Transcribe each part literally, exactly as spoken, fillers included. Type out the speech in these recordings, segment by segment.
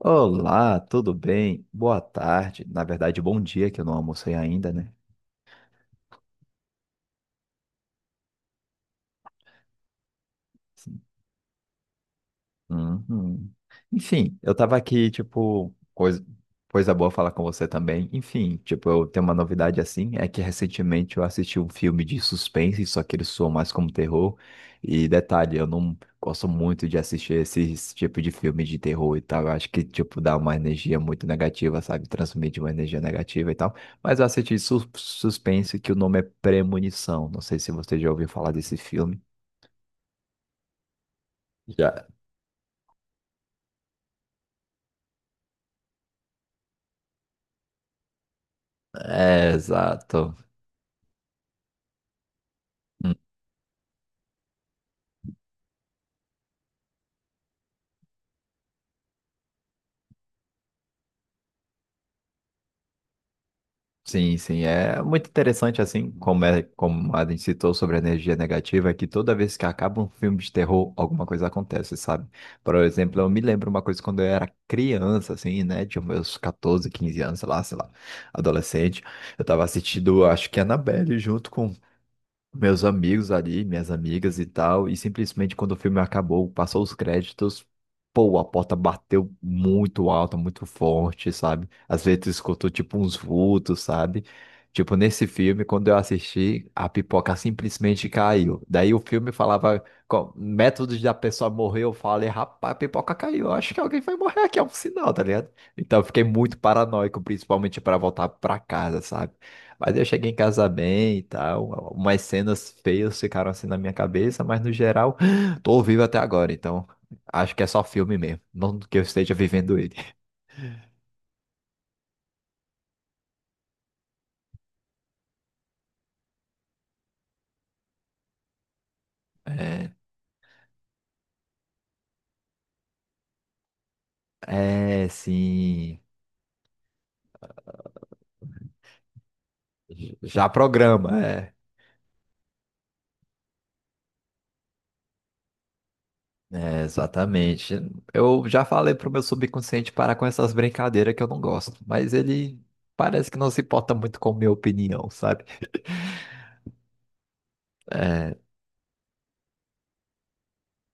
Olá, tudo bem? Boa tarde. Na verdade, bom dia, que eu não almocei ainda, né? Uhum. Enfim, eu tava aqui, tipo, coisa, coisa boa falar com você também. Enfim, tipo, eu tenho uma novidade assim, é que recentemente eu assisti um filme de suspense, só que ele soa mais como terror. E detalhe, eu não gosto muito de assistir esse tipo de filme de terror e tal. Eu acho que, tipo, dá uma energia muito negativa, sabe? Transmite uma energia negativa e tal. Mas eu assisti sus- suspense, que o nome é Premonição. Não sei se você já ouviu falar desse filme. Já. É, exato. Sim, sim, é muito interessante assim, como é, como a gente citou sobre a energia negativa, que toda vez que acaba um filme de terror, alguma coisa acontece, sabe? Por exemplo, eu me lembro uma coisa quando eu era criança, assim, né, de meus catorze, quinze anos, sei lá, sei lá, adolescente, eu tava assistindo, acho que Annabelle junto com meus amigos ali, minhas amigas e tal, e simplesmente quando o filme acabou, passou os créditos, pô, a porta bateu muito alta, muito forte, sabe? Às vezes tu escutou tipo uns vultos, sabe? Tipo, nesse filme, quando eu assisti, a pipoca simplesmente caiu. Daí o filme falava co- métodos da pessoa morrer, eu falei, rapaz, a pipoca caiu, eu acho que alguém vai morrer aqui, é um sinal, tá ligado? Então eu fiquei muito paranoico, principalmente para voltar para casa, sabe? Mas eu cheguei em casa bem e tal. Umas cenas feias ficaram assim na minha cabeça, mas no geral, tô vivo até agora, então acho que é só filme mesmo. Não que eu esteja vivendo ele. É, é, sim. Já programa, é. É, exatamente. Eu já falei pro meu subconsciente parar com essas brincadeiras que eu não gosto, mas ele parece que não se importa muito com minha opinião, sabe? É.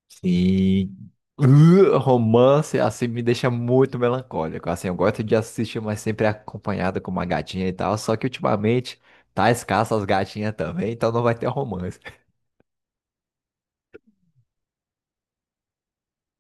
Sim. Uh, Romance, assim, me deixa muito melancólico. Assim, eu gosto de assistir, mas sempre acompanhado com uma gatinha e tal. Só que ultimamente tá escasso as gatinhas também, então não vai ter romance.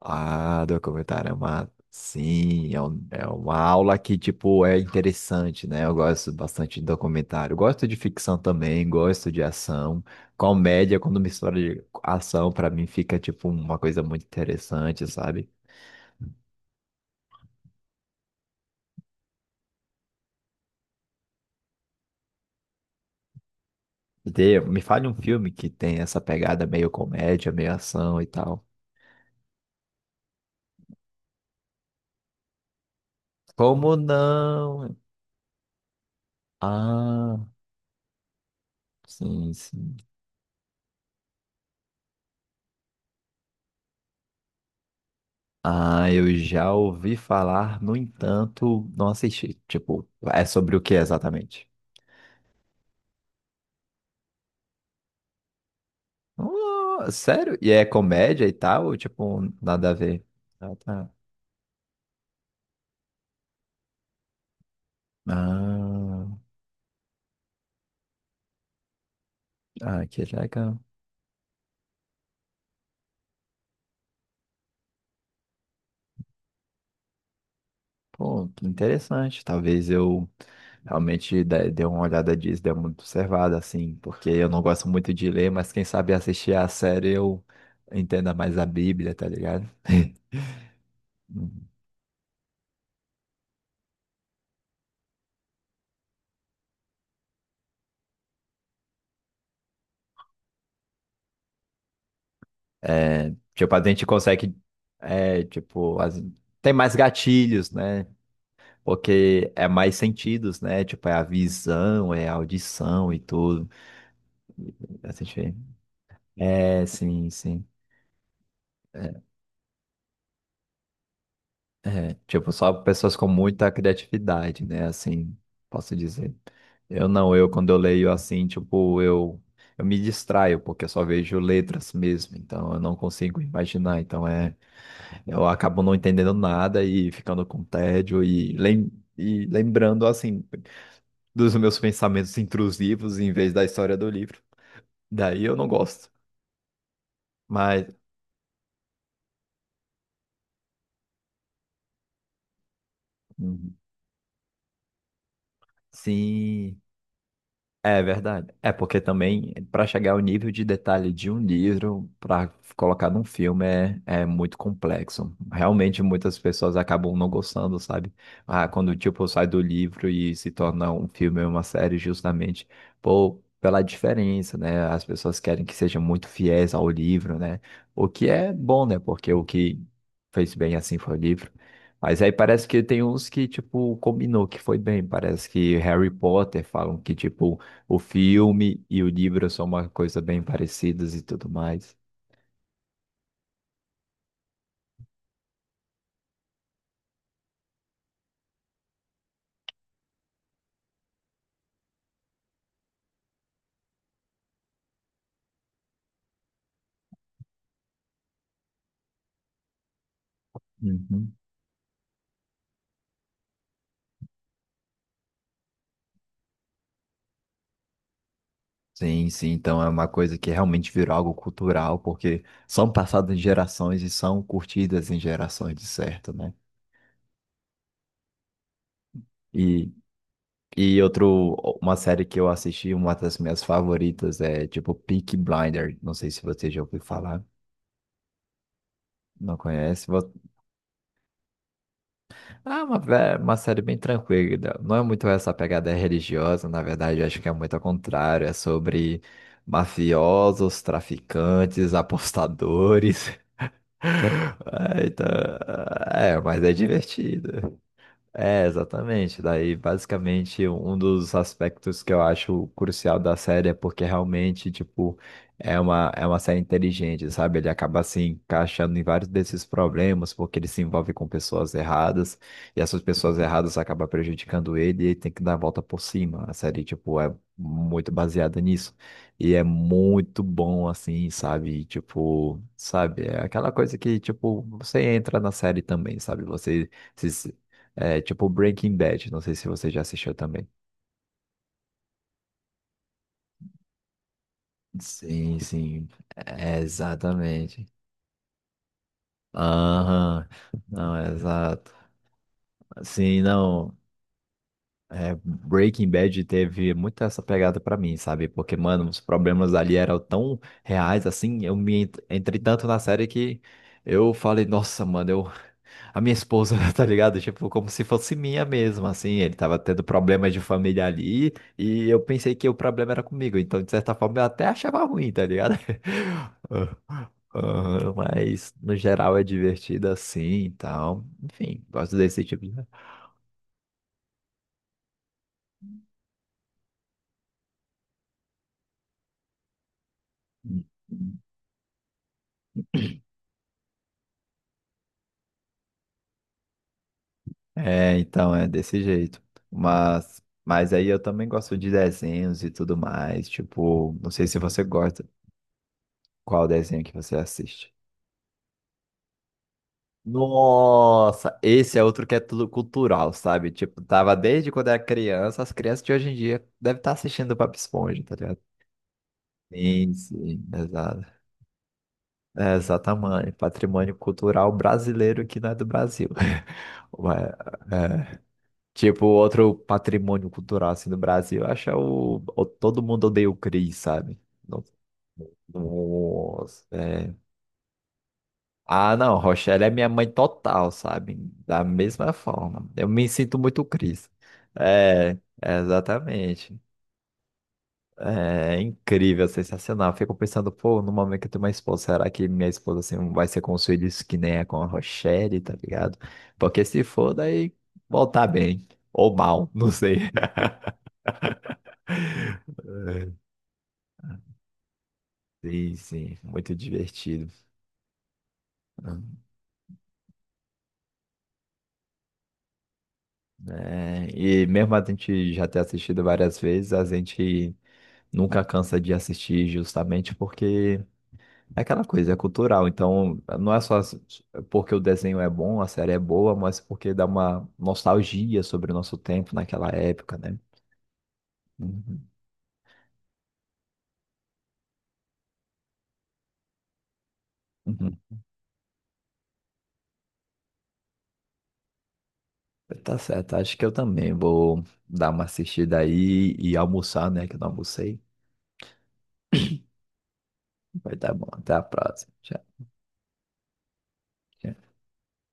Ah, documentário é uma. Sim, é, um- é uma aula que, tipo, é interessante, né? Eu gosto bastante de documentário. Gosto de ficção também, gosto de ação. Comédia, quando mistura de ação, pra mim fica, tipo, uma coisa muito interessante, sabe? Dê- me fale um filme que tem essa pegada meio comédia, meio ação e tal. Como não? Ah, sim, sim. Ah, eu já ouvi falar, no entanto, não assisti. Tipo, é sobre o que exatamente? Ah, sério? E é comédia e tal? Ou, tipo, nada a ver? Ah, tá. Ah, ah, que legal. Pô, interessante. Talvez eu realmente dê dê uma olhada disso, dê uma observada, assim, porque eu não gosto muito de ler, mas quem sabe assistir a série eu entenda mais a Bíblia, tá ligado? Hum. Tipo, a gente consegue, é, tipo, as- tem mais gatilhos, né? Porque é mais sentidos, né? Tipo, é a visão, é a audição e tudo. A gente- É, sim, sim. É, tipo, só pessoas com muita criatividade, né? Assim, posso dizer. Eu não, eu quando eu leio assim, tipo, eu, eu me distraio, porque eu só vejo letras mesmo, então eu não consigo imaginar. Então é, eu acabo não entendendo nada e ficando com tédio e, lem e lembrando, assim, dos meus pensamentos intrusivos em vez da história do livro. Daí eu não gosto. Mas, uhum, sim. É verdade. É porque também, para chegar ao nível de detalhe de um livro, para colocar num filme, é, é muito complexo. Realmente, muitas pessoas acabam não gostando, sabe? Ah, quando, tipo, sai do livro e se torna um filme ou uma série, justamente por, pela diferença, né? As pessoas querem que seja muito fiéis ao livro, né? O que é bom, né? Porque o que fez bem assim foi o livro. Mas aí parece que tem uns que, tipo, combinou que foi bem. Parece que Harry Potter falam que, tipo, o filme e o livro são uma coisa bem parecidas e tudo mais. Uhum. Sim, sim, então é uma coisa que realmente virou algo cultural, porque são passadas em gerações e são curtidas em gerações, de certo, né? E, e outro, uma série que eu assisti, uma das minhas favoritas, é tipo Peaky Blinder. Não sei se você já ouviu falar, não conhece. Ah, uma, ve- uma série bem tranquila. Não é muito essa pegada religiosa, na verdade, eu acho que é muito ao contrário. É sobre mafiosos, traficantes, apostadores. Ah, então, é, mas é divertido. É, exatamente. Daí, basicamente, um dos aspectos que eu acho crucial da série é porque realmente, tipo, é uma, é uma série inteligente, sabe? Ele acaba se encaixando em vários desses problemas, porque ele se envolve com pessoas erradas, e essas pessoas erradas acabam prejudicando ele e ele tem que dar a volta por cima. A série, tipo, é muito baseada nisso. E é muito bom, assim, sabe? Tipo, sabe? É aquela coisa que, tipo, você entra na série também, sabe? Você se é tipo Breaking Bad, não sei se você já assistiu também. Sim, sim, é, exatamente. Aham, não, é exato. Sim, não, é, Breaking Bad teve muito essa pegada pra mim, sabe? Porque, mano, os problemas ali eram tão reais, assim, eu me ent- entrei tanto na série que eu falei, nossa, mano, eu a minha esposa, tá ligado? Tipo, como se fosse minha mesmo, assim. Ele tava tendo problemas de família ali e eu pensei que o problema era comigo. Então, de certa forma, eu até achava ruim, tá ligado? Ah, ah, mas, no geral, é divertido assim e tal. Enfim, gosto desse tipo de... É, então, é desse jeito. Mas, mas aí eu também gosto de desenhos e tudo mais. Tipo, não sei se você gosta. Qual desenho que você assiste? Nossa, esse é outro que é tudo cultural, sabe? Tipo, tava desde quando era criança, as crianças de hoje em dia devem estar assistindo Bob Esponja, tá ligado? Sim, sim, exato. É, exatamente, patrimônio cultural brasileiro que não é do Brasil. Ué, é. Tipo, outro patrimônio cultural assim do Brasil, eu acho que é o, o Todo Mundo Odeia o Chris, sabe? No- Nossa, é. Ah, não, Rochelle é minha mãe total, sabe? Da mesma forma. Eu me sinto muito Cris. É, é, exatamente. É incrível, sensacional. Eu fico pensando, pô, no momento que eu tenho uma esposa, será que minha esposa assim, vai ser com os filhos que nem é com a Rochelle, tá ligado? Porque se for, daí voltar bem. Ou mal, não sei. Sim, sim, muito divertido. É, e mesmo a gente já ter assistido várias vezes, a gente nunca cansa de assistir justamente porque é aquela coisa, é cultural. Então, não é só s- porque o desenho é bom, a série é boa, mas porque dá uma nostalgia sobre o nosso tempo naquela época, né? Uhum, uhum. Tá certo, acho que eu também vou dar uma assistida aí e almoçar, né? Que eu não almocei. Vai dar bom. Até a próxima. Tchau. Tchau.